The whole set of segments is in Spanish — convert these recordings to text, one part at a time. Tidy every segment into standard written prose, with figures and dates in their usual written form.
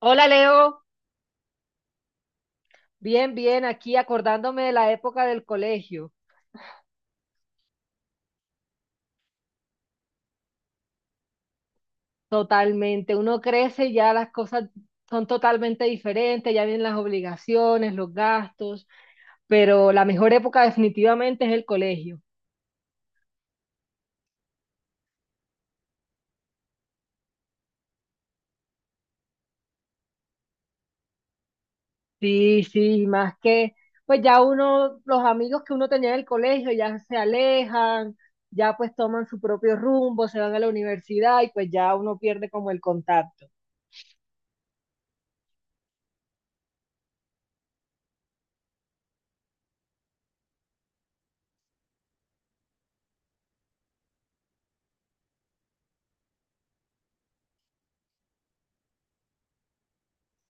Hola Leo, bien, bien, aquí acordándome de la época del colegio. Totalmente, uno crece y ya las cosas son totalmente diferentes, ya vienen las obligaciones, los gastos, pero la mejor época definitivamente es el colegio. Sí, sí, más que, pues ya uno, los amigos que uno tenía en el colegio ya se alejan, ya pues toman su propio rumbo, se van a la universidad y pues ya uno pierde como el contacto.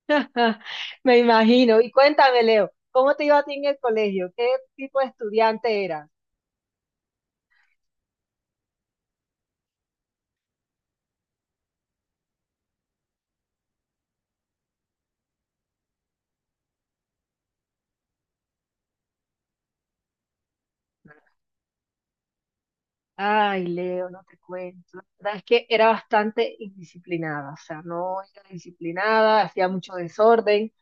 Me imagino. Y cuéntame, Leo, ¿cómo te iba a ti en el colegio? ¿Qué tipo de estudiante eras? Ay, Leo, no te cuento. La verdad es que era bastante indisciplinada, o sea, no era disciplinada, hacía mucho desorden,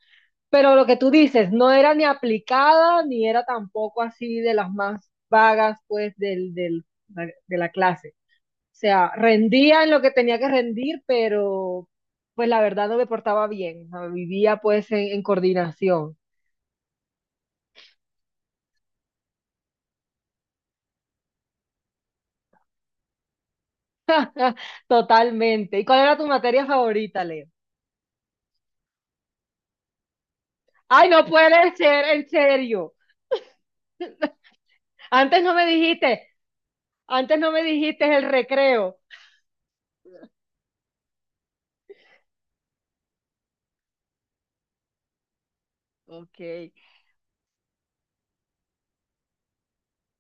pero lo que tú dices, no era ni aplicada, ni era tampoco así de las más vagas, pues, de la clase. O sea, rendía en lo que tenía que rendir, pero pues la verdad no me portaba bien, o sea, vivía pues en coordinación. Totalmente. ¿Y cuál era tu materia favorita, Leo? Ay, no puede ser, ¿en serio? Antes no me dijiste, antes no me dijiste el recreo. Ok.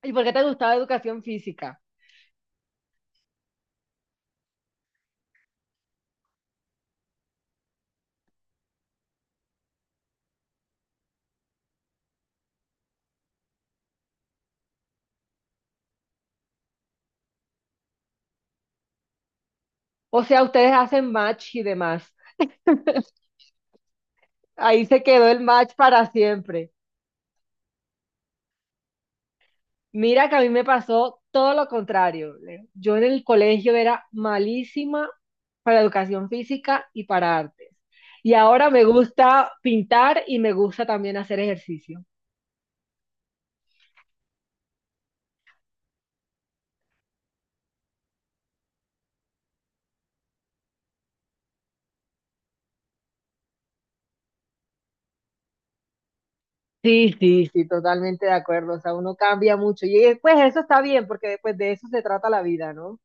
¿Y por qué te gustaba educación física? O sea, ustedes hacen match y demás. Ahí se quedó el match para siempre. Mira que a mí me pasó todo lo contrario, Leo. Yo en el colegio era malísima para educación física y para artes. Y ahora me gusta pintar y me gusta también hacer ejercicio. Sí, sí, sí, totalmente de acuerdo. O sea, uno cambia mucho. Y pues eso está bien, porque después de eso se trata la vida, ¿no?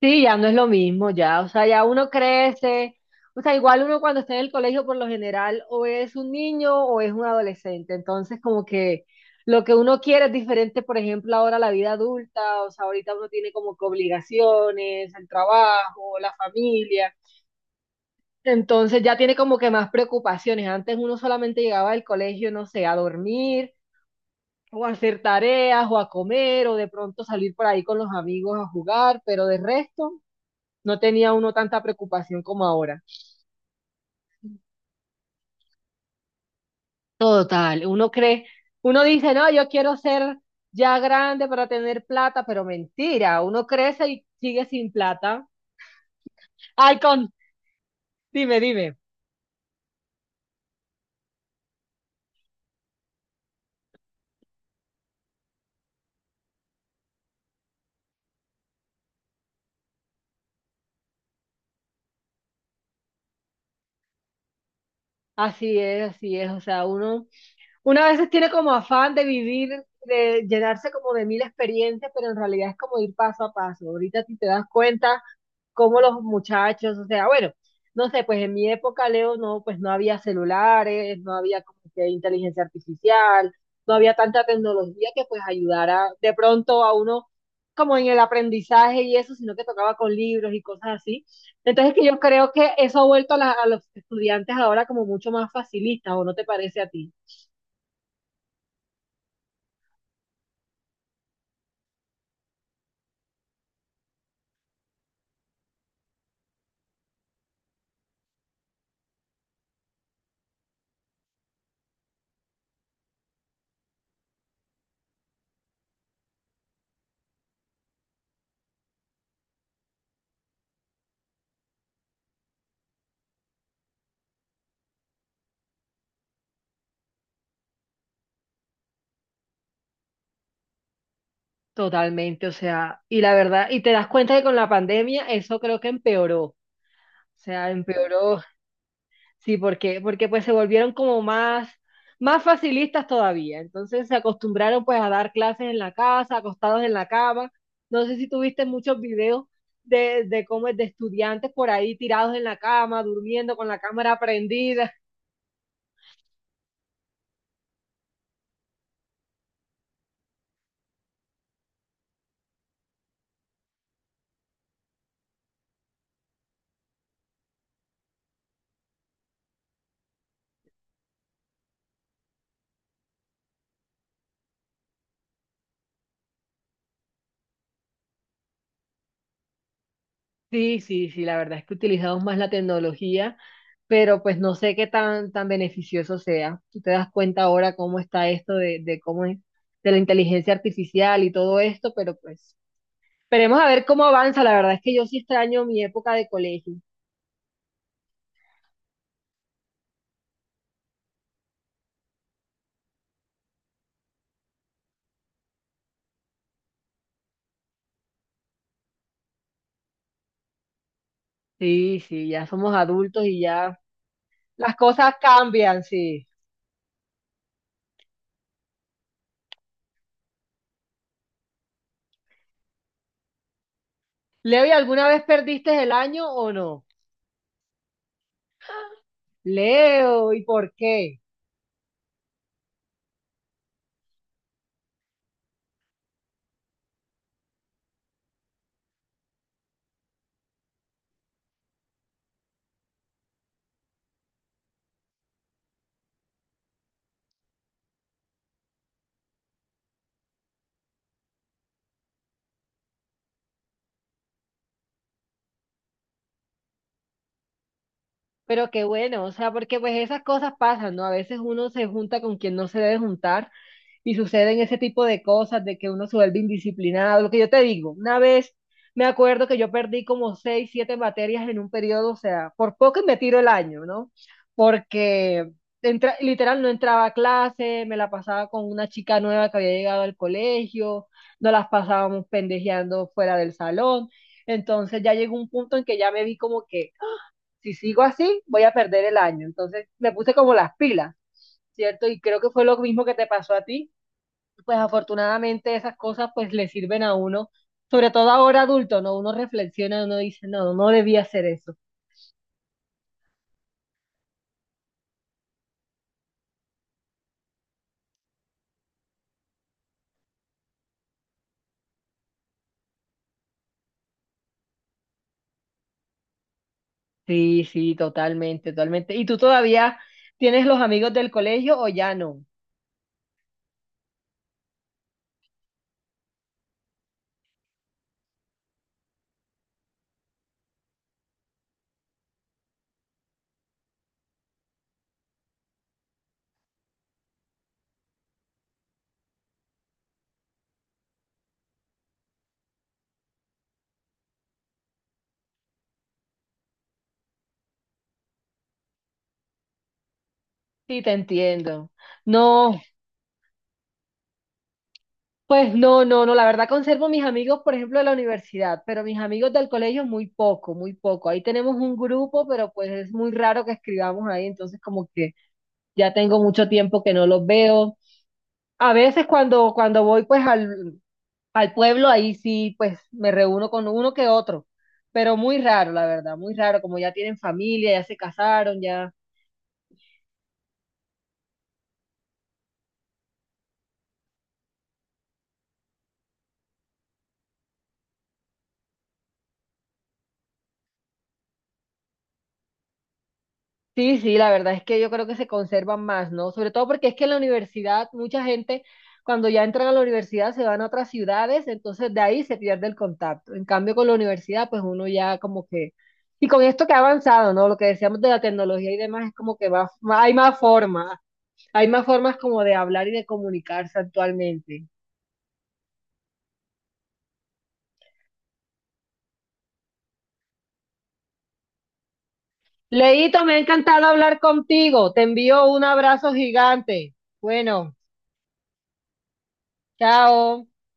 Sí, ya no es lo mismo, ya. O sea, ya uno crece. O sea, igual uno cuando está en el colegio, por lo general, o es un niño o es un adolescente. Entonces, como que lo que uno quiere es diferente, por ejemplo, ahora la vida adulta. O sea, ahorita uno tiene como que obligaciones, el trabajo, la familia. Entonces ya tiene como que más preocupaciones. Antes uno solamente llegaba del colegio, no sé, a dormir o a hacer tareas, o a comer, o de pronto salir por ahí con los amigos a jugar, pero de resto no tenía uno tanta preocupación como ahora. Total, uno cree, uno dice, no, yo quiero ser ya grande para tener plata, pero mentira, uno crece y sigue sin plata. Ay, con, dime, dime. Así es, o sea, uno, una veces tiene como afán de vivir, de llenarse como de mil experiencias, pero en realidad es como ir paso a paso. Ahorita si te das cuenta, cómo los muchachos, o sea, bueno, no sé, pues en mi época, Leo, no, pues no había celulares, no había como que inteligencia artificial, no había tanta tecnología que pues ayudara de pronto a uno como en el aprendizaje y eso, sino que tocaba con libros y cosas así. Entonces que yo creo que eso ha vuelto a, a los estudiantes ahora como mucho más facilistas, ¿o no te parece a ti? Totalmente, o sea, y la verdad, y te das cuenta que con la pandemia eso creo que empeoró, o sea, empeoró. Sí, porque, porque pues se volvieron como más, más facilistas todavía. Entonces se acostumbraron pues a dar clases en la casa, acostados en la cama. No sé si tuviste muchos videos de cómo es, de estudiantes por ahí tirados en la cama, durmiendo con la cámara prendida. Sí, sí, sí, la verdad es que utilizamos más la tecnología, pero pues no sé qué tan, tan beneficioso sea. Tú te das cuenta ahora cómo está esto de cómo es, de la inteligencia artificial y todo esto, pero pues esperemos a ver cómo avanza. La verdad es que yo sí extraño mi época de colegio. Sí, sí, ya somos adultos y ya las cosas cambian, sí. Leo, ¿y alguna vez perdiste el año o no? Leo, ¿y por qué? Pero qué bueno, o sea, porque pues esas cosas pasan, ¿no? A veces uno se junta con quien no se debe juntar y suceden ese tipo de cosas, de que uno se vuelve indisciplinado, lo que yo te digo, una vez me acuerdo que yo perdí como seis, siete materias en un periodo, o sea, por poco y me tiro el año, ¿no? Porque literal no entraba a clase, me la pasaba con una chica nueva que había llegado al colegio, nos las pasábamos pendejeando fuera del salón, entonces ya llegó un punto en que ya me vi como que si sigo así, voy a perder el año, entonces me puse como las pilas, ¿cierto? Y creo que fue lo mismo que te pasó a ti. Pues afortunadamente esas cosas pues le sirven a uno, sobre todo ahora adulto, ¿no? Uno reflexiona, uno dice, no, no debía hacer eso. Sí, sí, totalmente, totalmente. ¿Y tú todavía tienes los amigos del colegio o ya no? Sí, te entiendo. No, pues no, no, no, la verdad conservo mis amigos, por ejemplo, de la universidad, pero mis amigos del colegio muy poco, muy poco. Ahí tenemos un grupo, pero pues es muy raro que escribamos ahí, entonces como que ya tengo mucho tiempo que no los veo. A veces cuando, cuando voy pues al, al pueblo ahí sí, pues me reúno con uno que otro, pero muy raro, la verdad, muy raro, como ya tienen familia, ya se casaron, ya. Sí, sí, la verdad es que yo creo que se conservan más, ¿no? Sobre todo porque es que en la universidad mucha gente cuando ya entran a la universidad se van a otras ciudades, entonces de ahí se pierde el contacto. En cambio con la universidad pues uno ya como que... Y con esto que ha avanzado, ¿no? Lo que decíamos de la tecnología y demás es como que va, hay más formas como de hablar y de comunicarse actualmente. Leito, me ha encantado hablar contigo. Te envío un abrazo gigante. Bueno, chao.